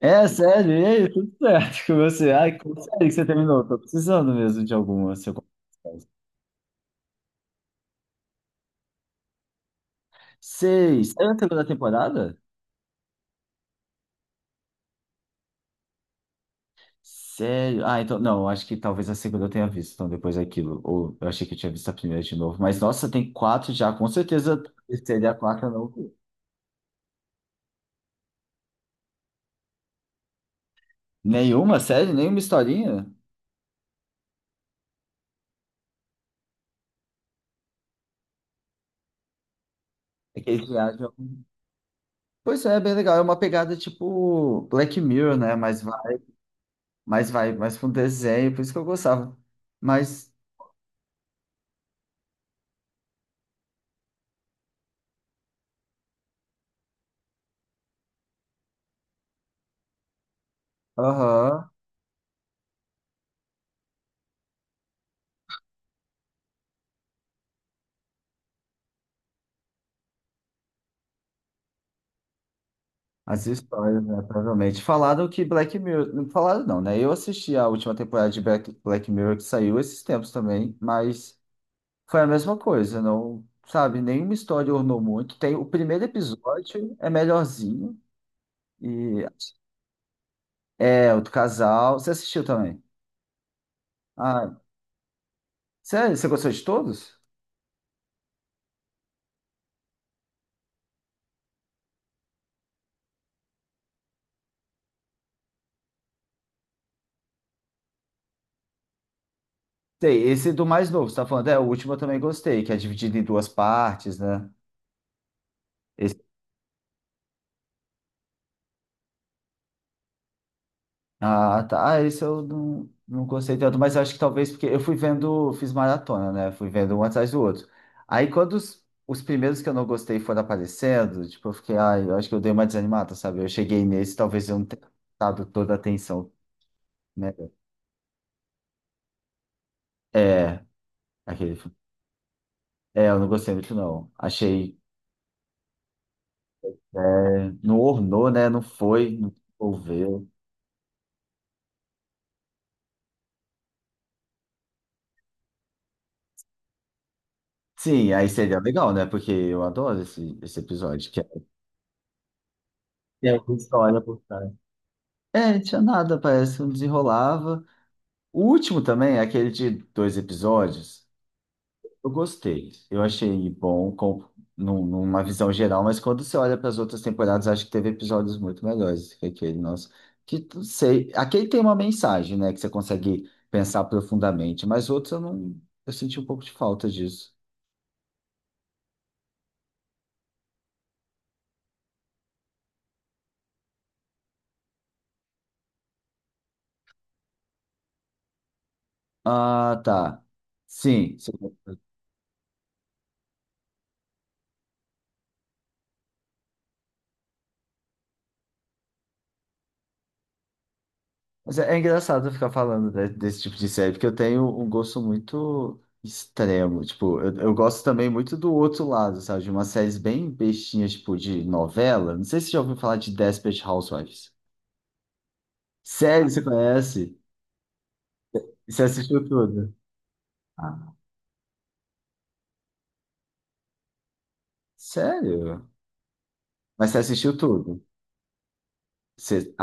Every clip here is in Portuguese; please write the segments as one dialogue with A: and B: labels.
A: É, sério, e aí, tudo certo com você? Ai, que sério que você terminou? Tô precisando mesmo de alguma, se eu confesso. Seis. É a segunda temporada? Sério? Ah, então, não, acho que talvez a segunda eu tenha visto, então depois daquilo. Ou eu achei que eu tinha visto a primeira de novo. Mas, nossa, tem quatro já, com certeza seria a quarta eu não vi. Nenhuma, sério? Nenhuma historinha? É que eles viajam. Pois é, é bem legal. É uma pegada tipo Black Mirror, né? Mas vai, mais pra um desenho, por isso que eu gostava. Mas, aham. As histórias, né, provavelmente. Falaram que Black Mirror. Falaram não, né? Eu assisti a última temporada de Black Mirror que saiu esses tempos também, mas foi a mesma coisa, não, sabe? Nenhuma história ornou muito. Tem, o primeiro episódio é melhorzinho, e é o do casal. Você assistiu também? Ah, sério? Você gostou de todos? Sei, esse do mais novo, você tá falando, é, o último eu também gostei, que é dividido em duas partes, né? Ah, tá. Ah, esse eu não gostei tanto, mas eu acho que talvez porque eu fui vendo, fiz maratona, né? Fui vendo um atrás do outro. Aí quando os primeiros que eu não gostei foram aparecendo, tipo, eu fiquei, ai, eu acho que eu dei uma desanimada, sabe? Eu cheguei nesse, talvez eu não tenha dado toda a atenção, né? É, aquele. É, eu não gostei muito, não. Achei, é, não ornou, né? Não foi, não envolveu. Sim, aí seria legal, né? Porque eu adoro esse episódio, que é tem alguma história por trás. É, tinha nada, parece, que não desenrolava. O último também, é aquele de dois episódios, eu gostei. Eu achei bom com, numa visão geral, mas quando você olha para as outras temporadas, acho que teve episódios muito melhores que aquele nosso. Que não sei. Aquele tem uma mensagem, né? Que você consegue pensar profundamente, mas outros eu não. Eu senti um pouco de falta disso. Ah, tá. Sim. Mas é, é engraçado ficar desse tipo de série, porque eu tenho um gosto muito extremo. Tipo, eu gosto também muito do outro lado, sabe? De umas séries bem bestinhas, tipo, de novela. Não sei se você já ouviu falar de Desperate Housewives. Sério, você conhece? E você assistiu tudo? Ah. Sério? Mas você assistiu tudo? Você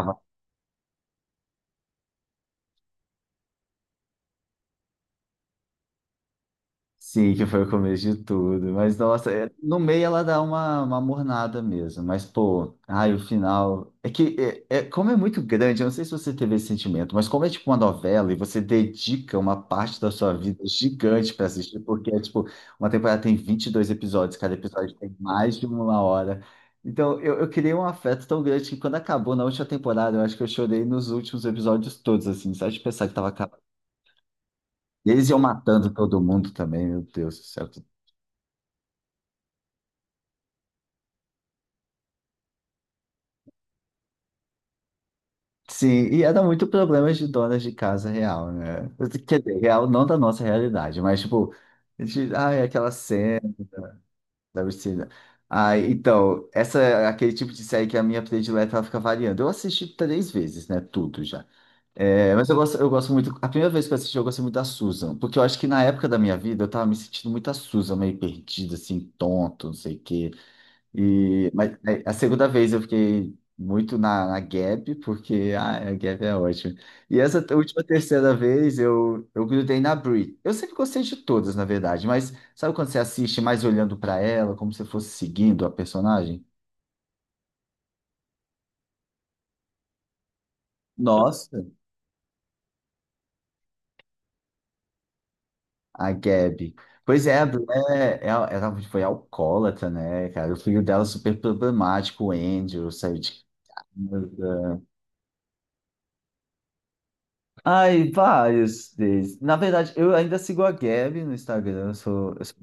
A: sim, que foi o começo de tudo. Mas, nossa, é no meio ela dá uma mornada mesmo. Mas, pô, ai, o final. É que, é como é muito grande, eu não sei se você teve esse sentimento, mas como é tipo uma novela e você dedica uma parte da sua vida gigante pra assistir, porque é tipo, uma temporada tem 22 episódios, cada episódio tem mais de uma hora. Então, eu criei um afeto tão grande que quando acabou na última temporada, eu acho que eu chorei nos últimos episódios todos, assim, só de pensar que tava acabando. E eles iam matando todo mundo também, meu Deus do céu. Sim, e ia dar muito problemas de donas de casa real, né? Quer dizer, real não da nossa realidade, mas tipo, de, ai, aquela cena da piscina. Ai, então, essa é aquele tipo de série que a minha predileta ela fica variando. Eu assisti três vezes, né? Tudo já. É, mas eu gosto muito. A primeira vez que eu assisti, eu gostei muito da Susan, porque eu acho que na época da minha vida eu tava me sentindo muito a Susan, meio perdida, assim, tonto, não sei o quê. E, mas é, a segunda vez eu fiquei muito na Gap, porque ah, a Gap é ótima. E essa última terceira vez eu grudei na Brie. Eu sempre gostei de todas, na verdade, mas sabe quando você assiste mais olhando para ela, como se fosse seguindo a personagem? Nossa, a Gabi. Pois é, a Brie é, é ela foi alcoólatra, né, cara? O filho dela é super problemático, o Andrew, saiu de. Ai, vários deles. Na verdade, eu ainda sigo a Gabi no Instagram. Eu sou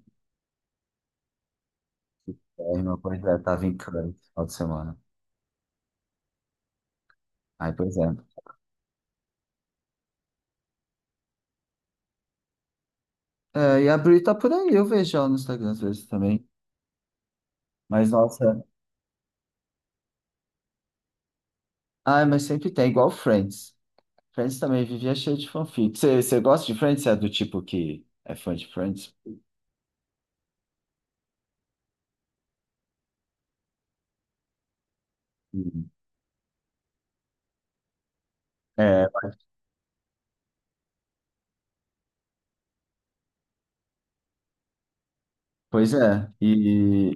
A: BR, meu projeto tava em Cannes no final de semana. Aí, por exemplo. É, e a Bri tá por aí, eu vejo ela no Instagram às vezes também. Mas, nossa, ai, mas sempre tem, igual Friends. Friends também vivia cheio de fanfic. Você gosta de Friends? Você é do tipo que é fã de Friends? Uhum. Pois é,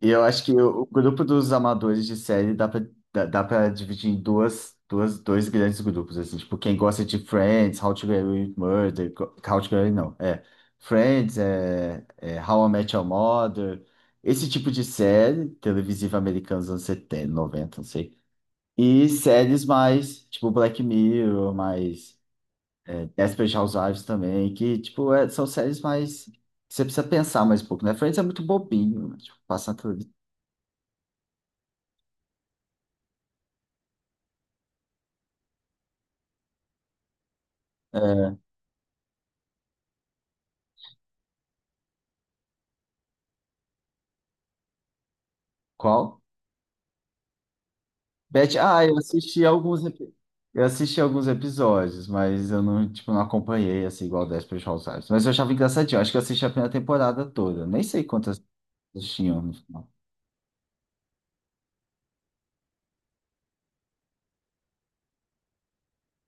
A: e eu acho que o grupo dos amadores de série dá pra, dá, dá pra dividir em dois grandes grupos, assim, tipo, quem gosta de Friends, How to Get Away with Murder, How to Get Away, não, é, Friends, é, é How I Met Your Mother, esse tipo de série televisiva americana dos anos 70 90 não sei, e séries mais, tipo, Black Mirror, mais... Desperate Housewives também, que, tipo, é são séries mais... que você precisa pensar mais um pouco, né? Friends é muito bobinho, né? Tipo, passa tudo. É, qual? Beth, ah, eu assisti alguns Eu assisti alguns episódios, mas eu não, tipo, não acompanhei, assim, igual Desperate Housewives. Mas eu achava engraçadinho, eu acho que eu assisti a primeira temporada toda. Nem sei quantas tinham no final.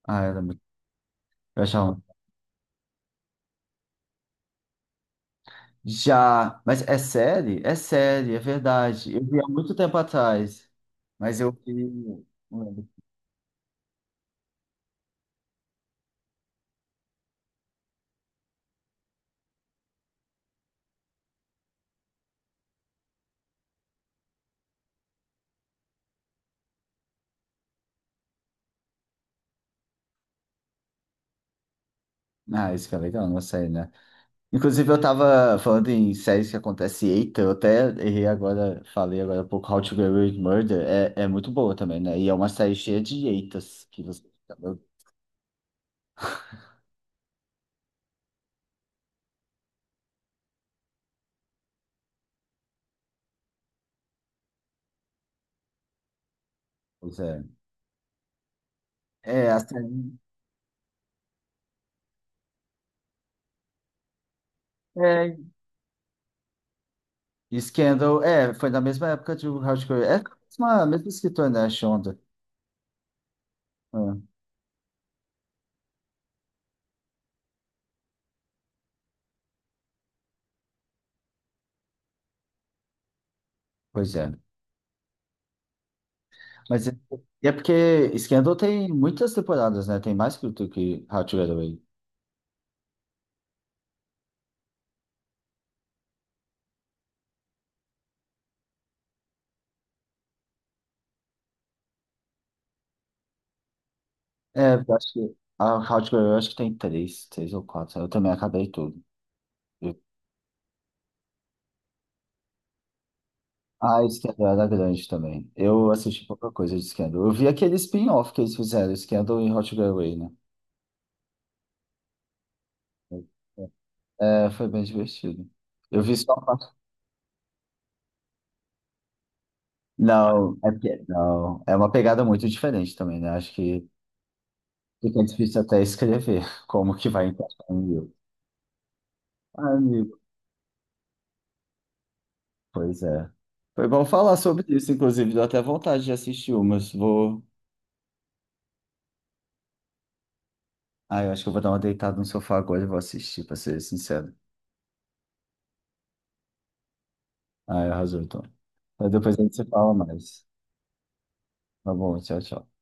A: Ah, era muito... Eu achava... Já... Mas é série? É série, é verdade. Eu vi há muito tempo atrás, mas eu vi... Ah, isso que é legal, uma série, né? Inclusive, eu tava falando em séries que acontece, eita, eu até errei agora, falei agora há pouco, How to Get Away with Murder, é, é muito boa também, né? E é uma série cheia de eitas, que você fica, meu Deus, é. É, a série... É, e Scandal, é, foi na mesma época de How to Get Away, é a mesma escritora, né, a Shonda. Ah, pois é. Mas é, e é porque Scandal tem muitas temporadas, né? Tem mais que o que How to Get Away. É, eu acho que a Hardcore, eu acho que tem três, ou quatro. Eu também acabei tudo. Eu... Ah, Scandal era grande também. Eu assisti pouca coisa de Scandal. Eu vi aquele spin-off que eles fizeram, Scandal e Hot Girl Way, né? É, foi bem divertido. Eu vi só a parte. Não, é porque, não, é uma pegada muito diferente também, né? Acho que fica difícil até escrever como que vai encaixar um livro. Ah, amigo, pois é. Foi bom falar sobre isso, inclusive, deu até vontade de assistir umas. Vou... Ah, eu acho que eu vou dar uma deitada no sofá agora e vou assistir, pra ser sincero. Ah, arrasou, então. Mas depois a gente se fala mais. Tá bom, tchau, tchau.